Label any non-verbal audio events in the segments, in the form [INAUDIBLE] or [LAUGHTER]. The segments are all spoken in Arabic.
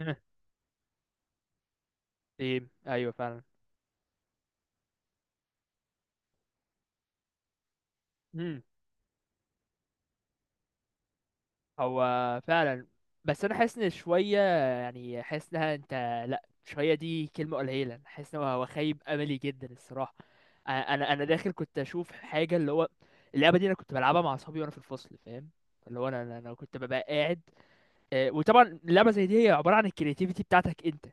[LAUGHS] ايه، ايوه فعلا. امم هو فعلا. بس انا حاسس ان شويه، يعني حاسس انها انت، لا شويه دي كلمه قليله. أنا حاسس ان هو خيب املي جدا الصراحه. انا داخل كنت اشوف حاجه، اللي هو اللعبه دي انا كنت بلعبها مع اصحابي وانا في الفصل، فاهم؟ اللي هو انا كنت ببقى قاعد. وطبعا اللعبه زي دي هي عباره عن الكرياتيفيتي بتاعتك انت.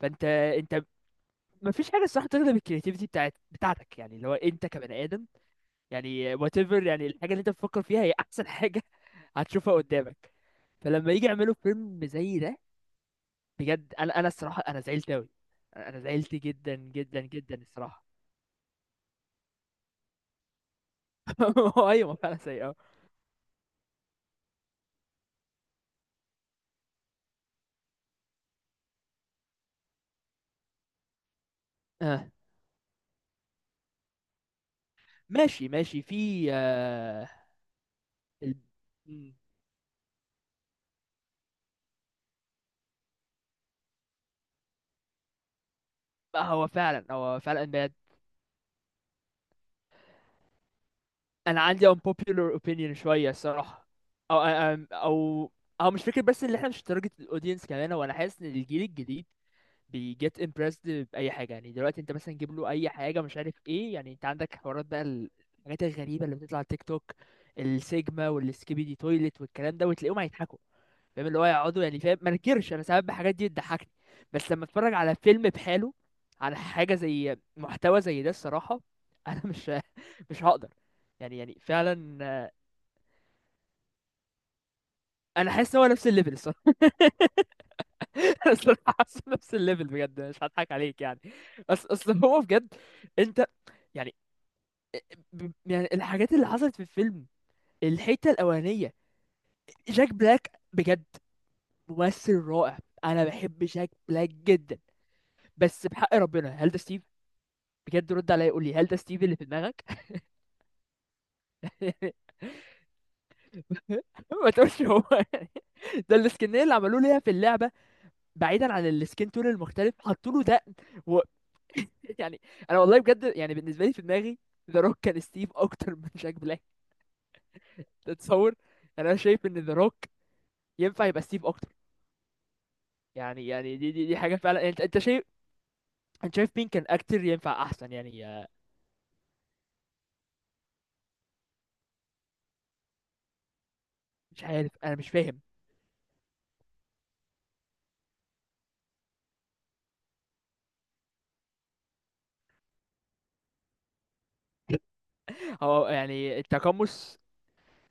فانت انت مفيش حاجه الصراحه تغلب الكرياتيفيتي بتاعتك، يعني اللي هو انت كبني ادم، يعني whatever، يعني الحاجة اللي انت بتفكر فيها هي احسن حاجة [LAUGHS] هتشوفها قدامك. فلما يجي يعملوا فيلم زي ده، بجد انا، الصراحة انا زعلت اوي. انا زعلت جدا جدا جدا الصراحة. [LAUGHS] ايوه ما فعلا سيء أوي. اه ماشي ماشي، في آه ال... مم. لا، هو فعلا بجد. انا عندي unpopular opinion شوية الصراحة. او او او, أو مش فكرة بس ان احنا مش درجة الاودينس كمان، وانا حاسس ان الجيل الجديد بيجيت امبرسد باي حاجه. يعني دلوقتي انت مثلا جيب له اي حاجه مش عارف ايه، يعني انت عندك حوارات بقى، الحاجات الغريبه اللي بتطلع على تيك توك، السيجما والسكيبي دي تويلت والكلام ده، وتلاقيهم هيضحكوا. فاهم اللي هو يقعدوا، يعني فاهم ما نكرش انا ساعات الحاجات دي بتضحكني. بس لما اتفرج على فيلم بحاله، على حاجه زي محتوى زي ده الصراحه، [LAUGHS] انا مش هقدر. يعني يعني فعلا انا حاسس هو نفس الليفل الصراحه. [LAUGHS] [LAUGHS] الصراحه حاسه نفس الليفل بجد، مش هضحك عليك يعني. اصل هو بجد انت يعني، يعني الحاجات اللي حصلت في الفيلم، الحته الاولانيه. جاك بلاك بجد ممثل رائع، انا بحب جاك بلاك جدا. بس بحق ربنا هل ده ستيف؟ بجد رد عليا قول لي هل ده ستيف اللي في دماغك؟ [LAUGHS] ما تقولش هو [LAUGHS] يعني. ده السكنيه اللي عملوه ليها في اللعبه، بعيدا عن السكين تون المختلف حطوا له دقن. [LAUGHS] يعني انا والله بجد، يعني بالنسبه لي في دماغي ذا روك كان ستيف اكتر من جاك بلاك. تتصور؟ يعني انا شايف ان ذا روك ينفع يبقى ستيف اكتر. يعني يعني دي حاجه فعلا. يعني انت شايف، انت شايف مين كان اكتر ينفع احسن يعني مش عارف انا مش فاهم. [LAUGHS] هو يعني التقمص،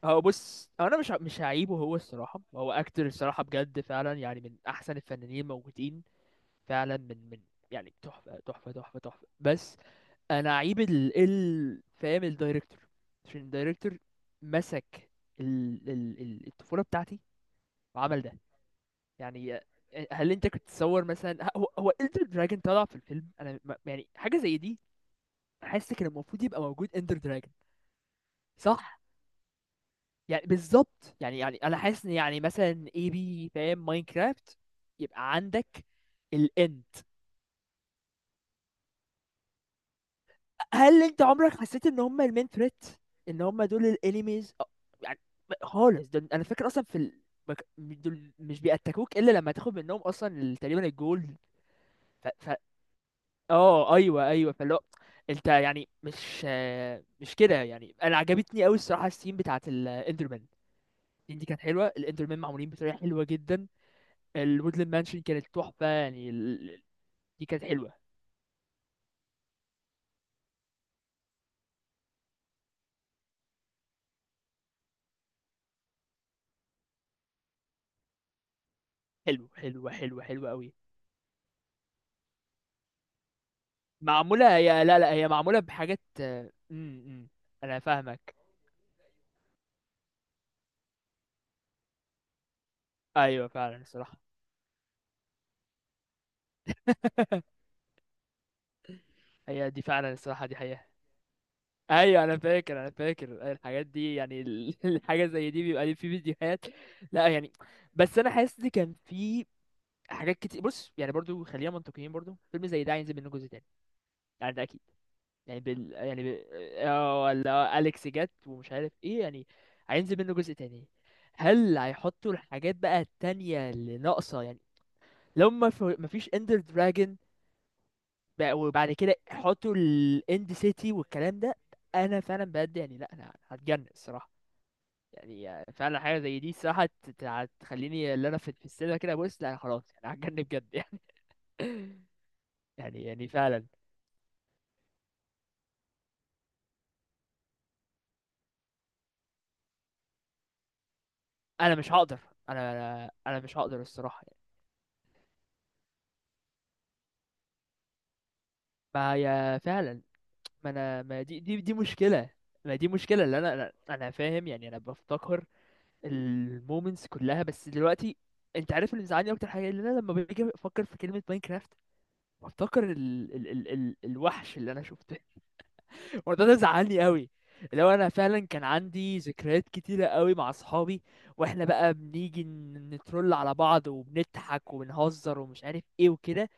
هو بص هو انا مش هعيبه هو الصراحه، هو اكتر الصراحه بجد فعلا يعني من احسن الفنانين الموجودين فعلا. من يعني تحفه بس انا عيب فاهم الدايركتور، عشان الدايركتور مسك الطفوله بتاعتي وعمل ده. يعني هل انت كنت تصور مثلا، هو اندر دراجون طلع في الفيلم؟ انا ما- يعني حاجه زي دي. حاسس كان المفروض يبقى موجود اندر دراجون. صح، يعني بالظبط. يعني يعني انا حاسس ان يعني مثلا اي بي فاهم ماينكرافت، يبقى عندك الان. هل انت عمرك حسيت ان هم المين ثريت؟ ان هم دول الانيميز؟ يعني خالص، ده انا فاكر اصلا في دول مش بيأتاكوك الا لما تاخد منهم اصلا تقريبا الجول. ف... ف... اه ايوه ايوه. فاللي هو انت يعني مش مش كده يعني. انا عجبتني قوي الصراحه السين بتاعت الاندرمان دي، كانت حلوه. الاندرمان معمولين بطريقه حلوه جدا. الوودلاند مانشن كانت تحفه، يعني دي كانت حلوه. حلوه قوي. معمولة، هي لا لا هي معمولة بحاجات امم، انا فاهمك. ايوه فعلا الصراحة. [LAUGHS] هي دي فعلا الصراحة، دي حقيقة. ايوه انا فاكر الحاجات دي. يعني [LAUGHS] الحاجة زي دي بيبقى لي في فيديوهات. لا يعني بس انا حاسس ان كان في حاجات كتير. بص يعني برضو خلينا منطقيين، برضو فيلم زي ده هينزل منه جزء تاني، يعني ده اكيد. يعني اه ولا اليكس جت ومش عارف ايه يعني. هينزل منه جزء تاني، هل هيحطوا الحاجات بقى التانية اللي ناقصة؟ يعني لو ما فيش اندر دراجون، وبعد كده حطوا الاند سيتي والكلام ده. انا فعلا بجد يعني، لا انا هتجنن الصراحه. يعني فعلا حاجه زي دي الصراحه هتخليني اللي انا في في السينما كده بص لا خلاص، انا هتجنن بجد يعني. [LAUGHS] يعني يعني فعلا. انا مش هقدر، انا مش هقدر الصراحه يعني. ما هي فعلا، ما انا، ما دي مشكله. ما دي مشكله اللي انا فاهم. يعني انا بفتكر المومنتس كلها، بس دلوقتي انت عارف اللي مزعلني اكتر حاجه، اللي انا لما باجي افكر في كلمه ماينكرافت بفتكر الوحش اللي انا شفته. [LAUGHS] وده ده زعلني قوي. لو انا فعلا كان عندي ذكريات كتيره قوي مع اصحابي، واحنا بقى بنيجي نترول على بعض وبنضحك وبنهزر ومش عارف ايه وكده.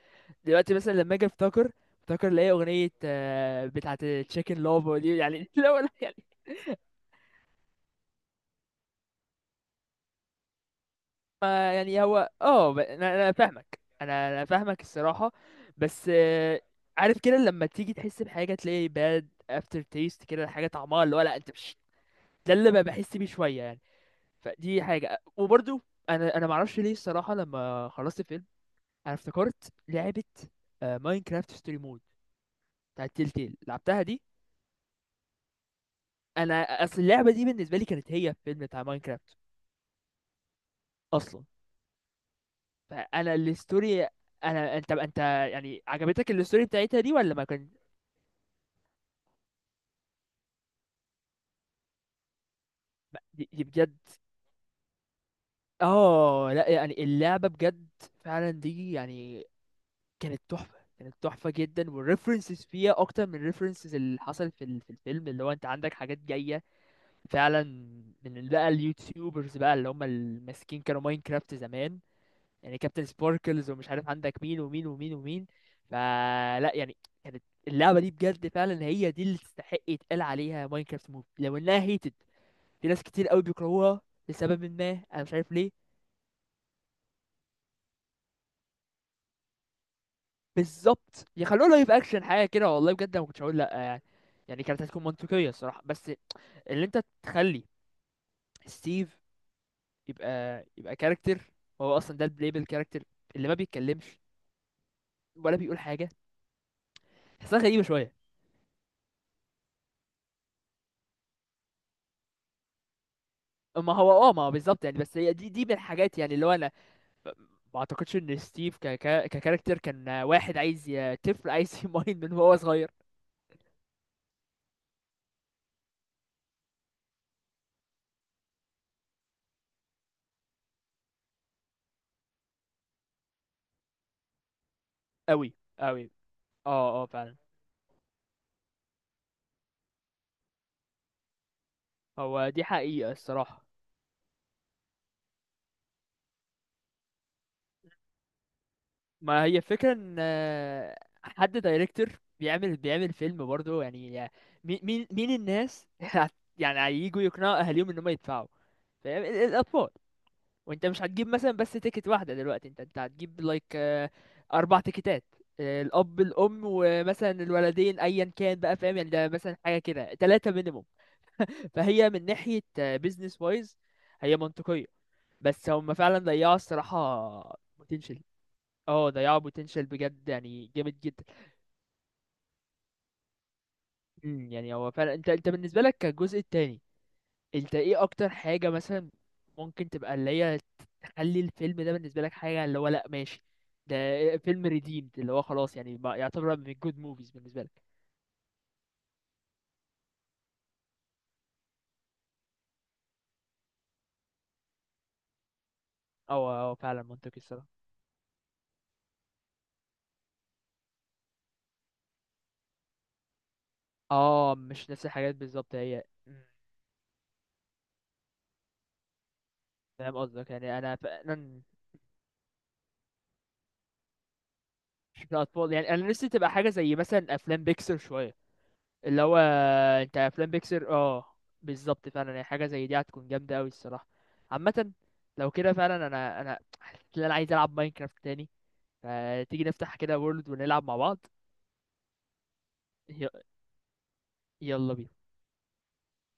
دلوقتي مثلا لما اجي افتكر، افتكر الاقي اغنيه بتاعه تشيكن لوف دي يعني. [LAUGHS] لو ما يعني هو اه، انا فاهمك، انا فاهمك الصراحه. بس عارف كده لما تيجي تحس بحاجه تلاقي باد افتر تيست كده، حاجه طعمها اللي هو لا انت مش. ده اللي بحس بيه شويه يعني. فدي حاجه. وبرضو انا معرفش ليه الصراحه، لما خلصت الفيلم انا افتكرت لعبه ماينكرافت ستوري مود بتاعت تيل تيل، لعبتها دي. انا اصل اللعبه دي بالنسبه لي كانت هي الفيلم بتاع ماينكرافت اصلا. فانا الستوري، انت يعني عجبتك الستوري بتاعتها دي ولا ما كان؟ دي بجد اه. لا يعني اللعبة بجد فعلا دي يعني كانت تحفة، كانت تحفة جدا. والريفرنسز فيها اكتر من الريفرنسز اللي حصلت في في الفيلم. اللي هو انت عندك حاجات جاية فعلا من بقى اليوتيوبرز بقى اللي هم الماسكين كانوا ماينكرافت زمان. يعني كابتن سباركلز ومش عارف عندك مين ومين ومين ومين. فلا يعني، كانت اللعبة دي بجد فعلا هي دي اللي تستحق يتقال عليها ماينكرافت موف، لو انها هيتد. في ناس كتير قوي بيكرهوها لسبب ما انا مش عارف ليه. بالظبط، يخلوها لايف اكشن حاجة كده، والله بجد انا ما كنتش هقول لا يعني. يعني كانت هتكون منطقية الصراحة. بس اللي انت تخلي ستيف يبقى كاركتر، هو اصلا ده البلايبل كاركتر اللي ما بيتكلمش ولا بيقول حاجة، تحسها غريبة شوية. ما هو اه، ما هو بالظبط يعني، بس هي دي، دي من الحاجات. يعني اللي هو انا ما اعتقدش ان ستيف ك ك ككاركتر كان واحد عايز، طفل عايز [LAUGHS] يماين من وهو صغير. قوي قوي. اه اه فعلا، هو دي حقيقة الصراحة. ما هي فكرة ان حد دايركتور بيعمل فيلم برضه، يعني مين الناس؟ [LAUGHS] يعني هيجوا يقنعوا اهاليهم ان هم يدفعوا، فاهم؟ الاطفال. وانت مش هتجيب مثلا بس تيكت واحدة دلوقتي، انت هتجيب لايك اربع تيكتات. الاب الام ومثلا الولدين ايا كان بقى، فاهم يعني؟ ده مثلا حاجة كده ثلاثة مينيموم. فهي من ناحية بيزنس وايز هي منطقية، بس هم فعلا ضيعوا الصراحة بوتنشال. اه ضيعوا بوتنشال بجد يعني جامد جدا. مم، يعني هو فعلا، انت بالنسبة لك كالجزء التاني، انت ايه اكتر حاجة مثلا ممكن تبقى اللي هي تخلي الفيلم ده بالنسبة لك حاجة اللي هو لأ ماشي، ده فيلم ريديمد اللي هو خلاص يعني بقى يعتبر من جود موفيز بالنسبة لك؟ اه اه فعلا، منطقي الصراحة. اه مش نفس الحاجات بالظبط، هي مم، فاهم قصدك يعني انا فعلا. مش من الاطفال، يعني انا نفسي تبقى حاجة زي مثلا افلام بيكسر شوية. اللي هو انت افلام بيكسر اه، بالظبط فعلا. يعني حاجة زي دي هتكون جامدة اوي الصراحة عامة. لو كده فعلا انا، حاسس ان انا عايز العب ماينكرافت تاني. فتيجي نفتح كده وورلد ونلعب مع بعض. ي- يلا بينا.